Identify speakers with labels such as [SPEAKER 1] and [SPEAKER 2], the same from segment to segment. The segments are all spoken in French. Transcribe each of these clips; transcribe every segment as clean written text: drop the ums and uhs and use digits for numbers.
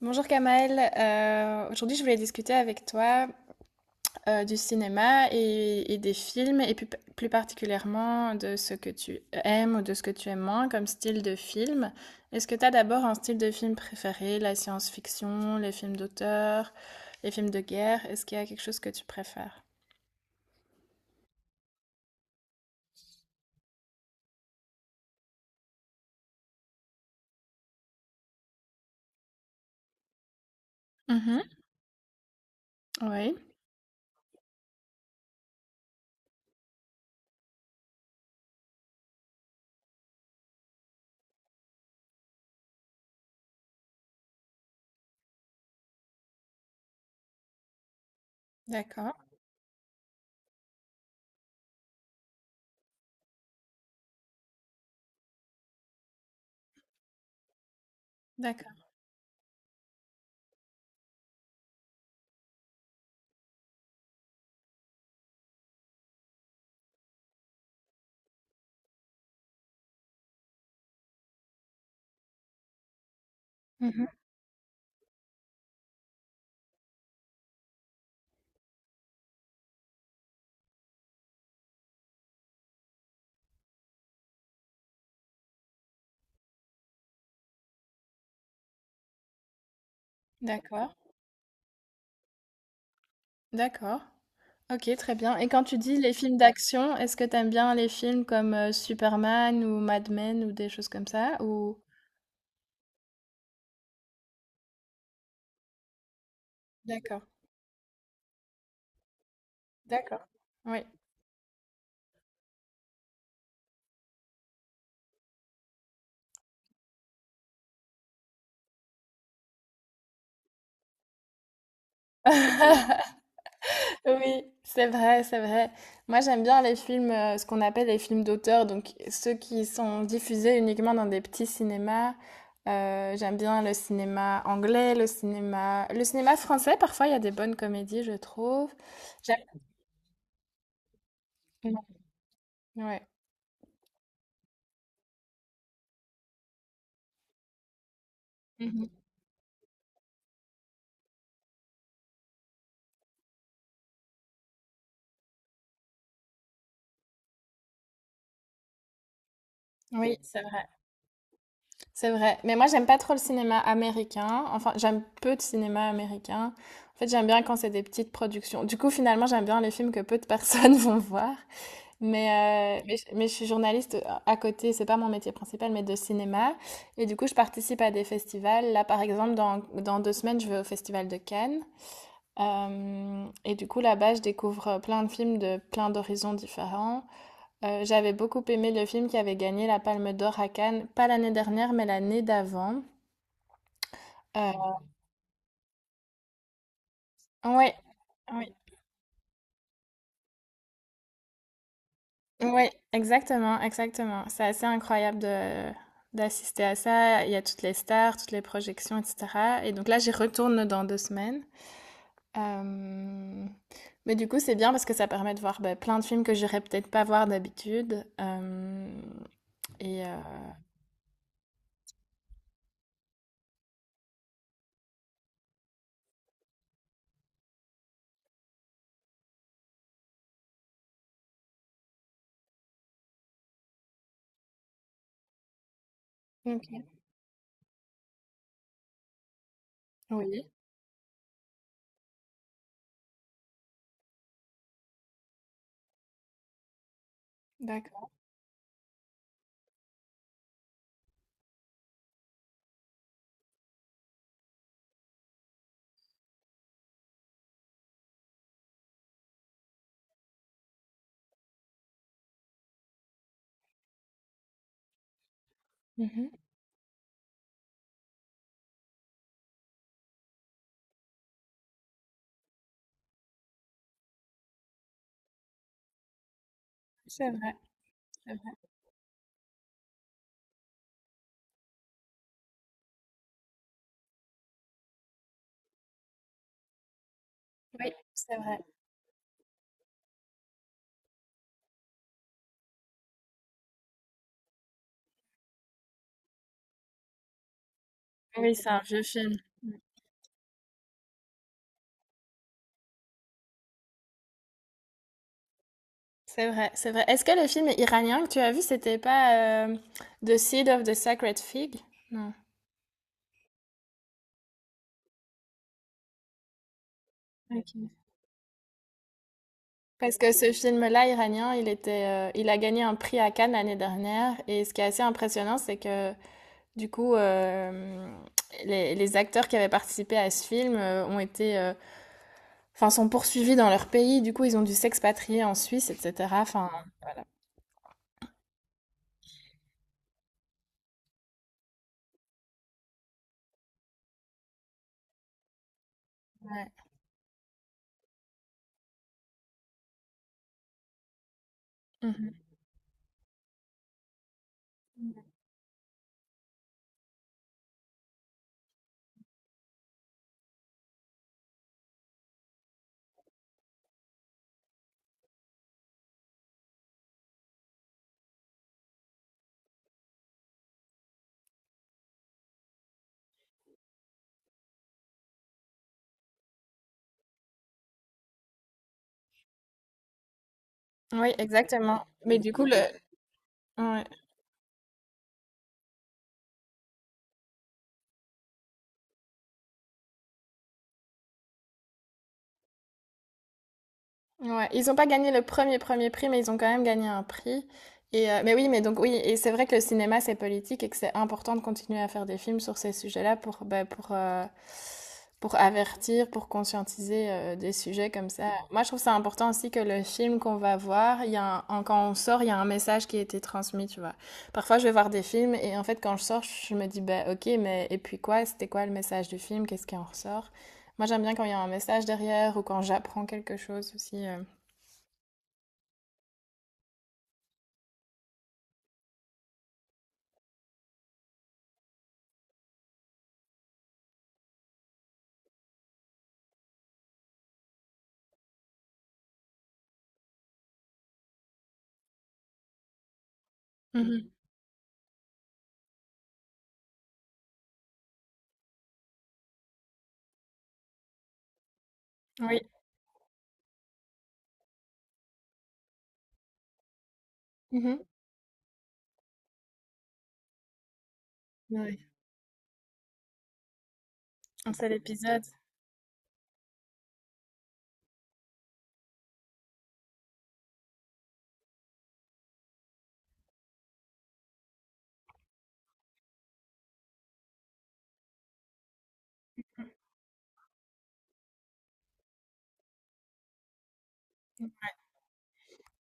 [SPEAKER 1] Bonjour Kamaël. Aujourd'hui je voulais discuter avec toi du cinéma et des films et plus particulièrement de ce que tu aimes ou de ce que tu aimes moins comme style de film. Est-ce que tu as d'abord un style de film préféré, la science-fiction, les films d'auteur, les films de guerre? Est-ce qu'il y a quelque chose que tu préfères? Mhm. Oui. D'accord. D'accord. Mhm. D'accord. D'accord. OK, très bien. Et quand tu dis les films d'action, est-ce que t'aimes bien les films comme Superman ou Mad Men ou des choses comme ça ou... D'accord, d'accord. Oui. Oui, c'est vrai, c'est vrai. Moi, j'aime bien les films, ce qu'on appelle les films d'auteur, donc ceux qui sont diffusés uniquement dans des petits cinémas. J'aime bien le cinéma anglais, le cinéma français. Parfois, il y a des bonnes comédies, je trouve. J'aime- Ouais. Mhm. Oui, c'est vrai. C'est vrai. Mais moi, j'aime pas trop le cinéma américain. Enfin, j'aime peu de cinéma américain. En fait, j'aime bien quand c'est des petites productions. Du coup, finalement, j'aime bien les films que peu de personnes vont voir. Mais, je suis journaliste à côté, c'est pas mon métier principal, mais de cinéma. Et du coup, je participe à des festivals. Là, par exemple, dans 2 semaines, je vais au Festival de Cannes. Et du coup, là-bas, je découvre, plein de films de plein d'horizons différents. J'avais beaucoup aimé le film qui avait gagné la Palme d'or à Cannes, pas l'année dernière, mais l'année d'avant. Heu, ouais, oui, ouais, exactement, exactement. C'est assez incroyable de d'assister à ça. Il y a toutes les stars, toutes les projections, et cetera. Et donc là, j'y retourne dans 2 semaines. Hem, mais du coup, c'est bien parce que ça permet de voir, bah, plein de films que j'irais peut-être pas voir d'habitude. Hem, et OK. Oui, d'accord. Mmh. C'est vrai, c'est vrai. Oui, c'est vrai. Oui, c'est un vieux film. C'est vrai, c'est vrai. Est-ce que le film iranien que tu as vu, c'était pas, The Seed of the Sacred Fig? Non. OK. Parce que ce film-là iranien, il était, il a gagné un prix à Cannes l'année dernière et ce qui est assez impressionnant, c'est que du coup, les acteurs qui avaient participé à ce film, ont été, enfin sont poursuivis dans leur pays. Du coup, ils ont dû s'expatrier en Suisse et cetera. Enfin, ouais. Mmh. Oui, exactement. Mais du coup, le... Ouais. Ouais. Ils n'ont pas gagné le premier premier prix, mais ils ont quand même gagné un prix. Mais oui, mais donc oui, et c'est vrai que le cinéma, c'est politique et que c'est important de continuer à faire des films sur ces sujets-là pour, bah, pour avertir, pour conscientiser des sujets comme ça. Moi, je trouve ça important aussi que le film qu'on va voir, il y a quand on sort, il y a un message qui a été transmis, tu vois. Parfois, je vais voir des films et en fait, quand je sors, je me dis, bah, ok, mais et puis quoi? C'était quoi le message du film? Qu'est-ce qui en ressort? Moi, j'aime bien quand il y a un message derrière ou quand j'apprends quelque chose aussi. Mhm. Oui. Mhm. Oui. Un seul épisode.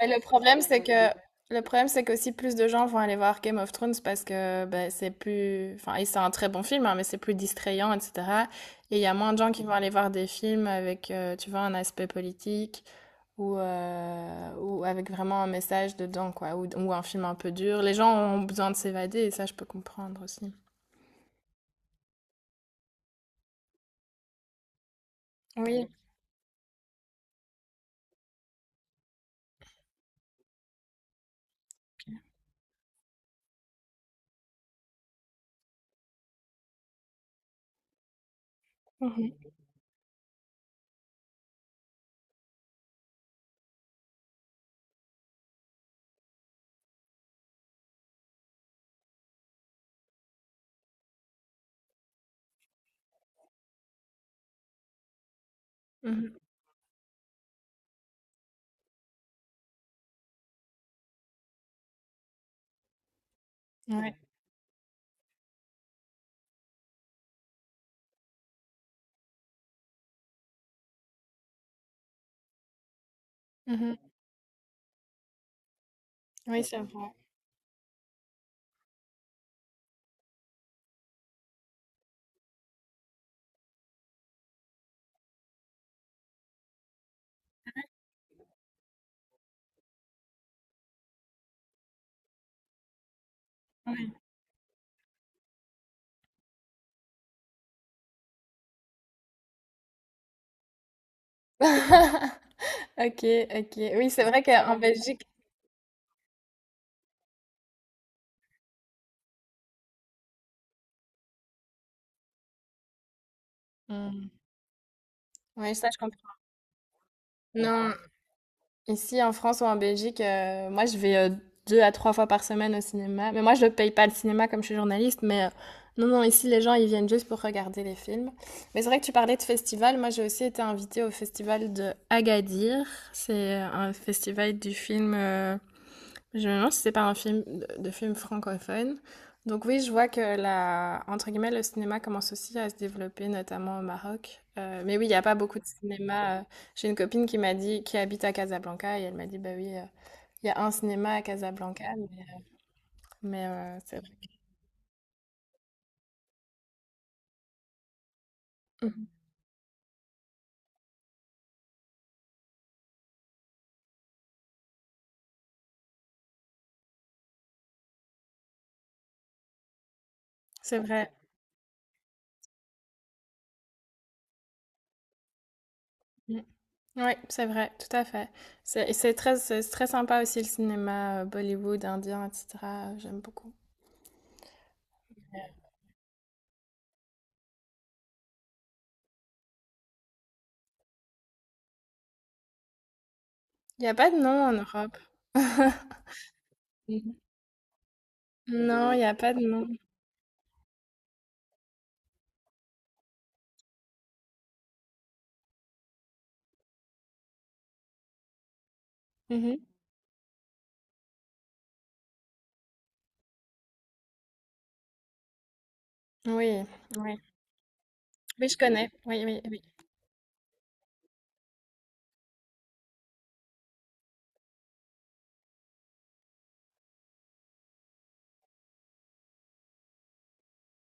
[SPEAKER 1] Mais le problème, c'est qu'aussi plus de gens vont aller voir Game of Thrones parce que ben, c'est plus, enfin, et c'est un très bon film, hein, mais c'est plus distrayant, etc. Et il y a moins de gens qui vont aller voir des films avec, tu vois, un aspect politique ou avec vraiment un message dedans, quoi, ou un film un peu dur. Les gens ont besoin de s'évader et ça, je peux comprendre aussi. Oui. Mhm. Mhm. Ouais. Mhm. Oui, c'est vrai. Ok, ok. Oui, c'est vrai qu'en Belgique. Hmm. Oui, ça, je comprends. Non, ici en France ou en Belgique, moi, je vais 2 à 3 fois par semaine au cinéma. Mais moi, je ne paye pas le cinéma comme je suis journaliste. Mais non, non, ici, les gens, ils viennent juste pour regarder les films. Mais c'est vrai que tu parlais de festival. Moi, j'ai aussi été invitée au festival de Agadir. C'est un festival du film. Je me demande si c'est pas un film de film francophone. Donc oui, je vois que la, entre guillemets, le cinéma commence aussi à se développer, notamment au Maroc. Mais oui, il n'y a pas beaucoup de cinéma. J'ai une copine qui m'a dit, qui habite à Casablanca, et elle m'a dit, bah oui, il y a un cinéma à Casablanca, mais, c'est vrai. Mhm. C'est vrai. Oui, c'est vrai, tout à fait. C'est très sympa aussi le cinéma Bollywood, indien, etc. J'aime beaucoup. Il n'y a pas de nom en Europe. Non, il n'y a pas de nom. Mhm. Oui, oui. Oui, je connais. Oui, oui, oui.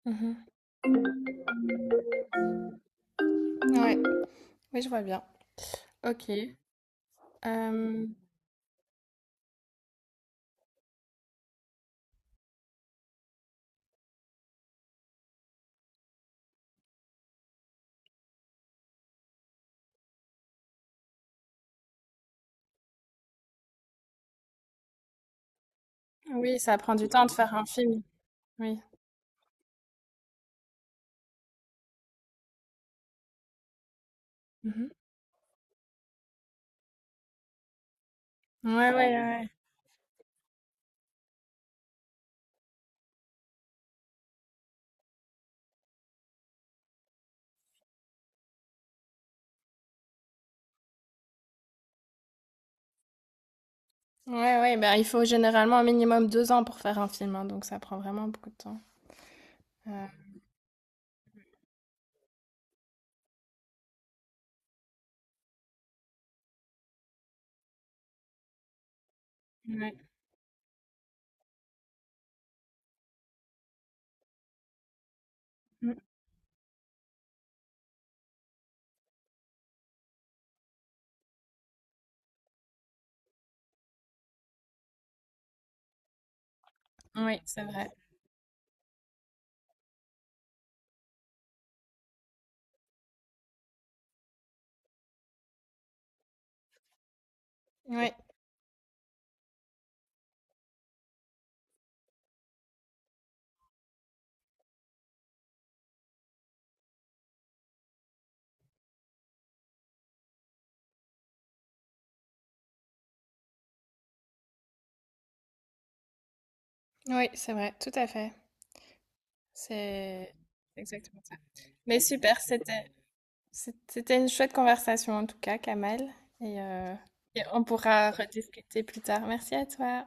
[SPEAKER 1] Mhm. Ouais. Oui, je vois bien. Ok. Euh, oui, ça prend du temps de faire un film. Oui. Mhm. Ouais, ouais, ouais. Ouais, ouais, ben, il faut généralement un minimum 2 ans pour faire un film, hein, donc ça prend vraiment beaucoup de temps. Euh, ouais. Mm. Oui, c'est vrai. Oui, oui, c'est vrai, tout à fait. C'est c'est exactement ça. Mais super, c'était. C'était une chouette conversation en tout cas, Kamal. Et, euh, et on pourra rediscuter plus tard. Merci à toi.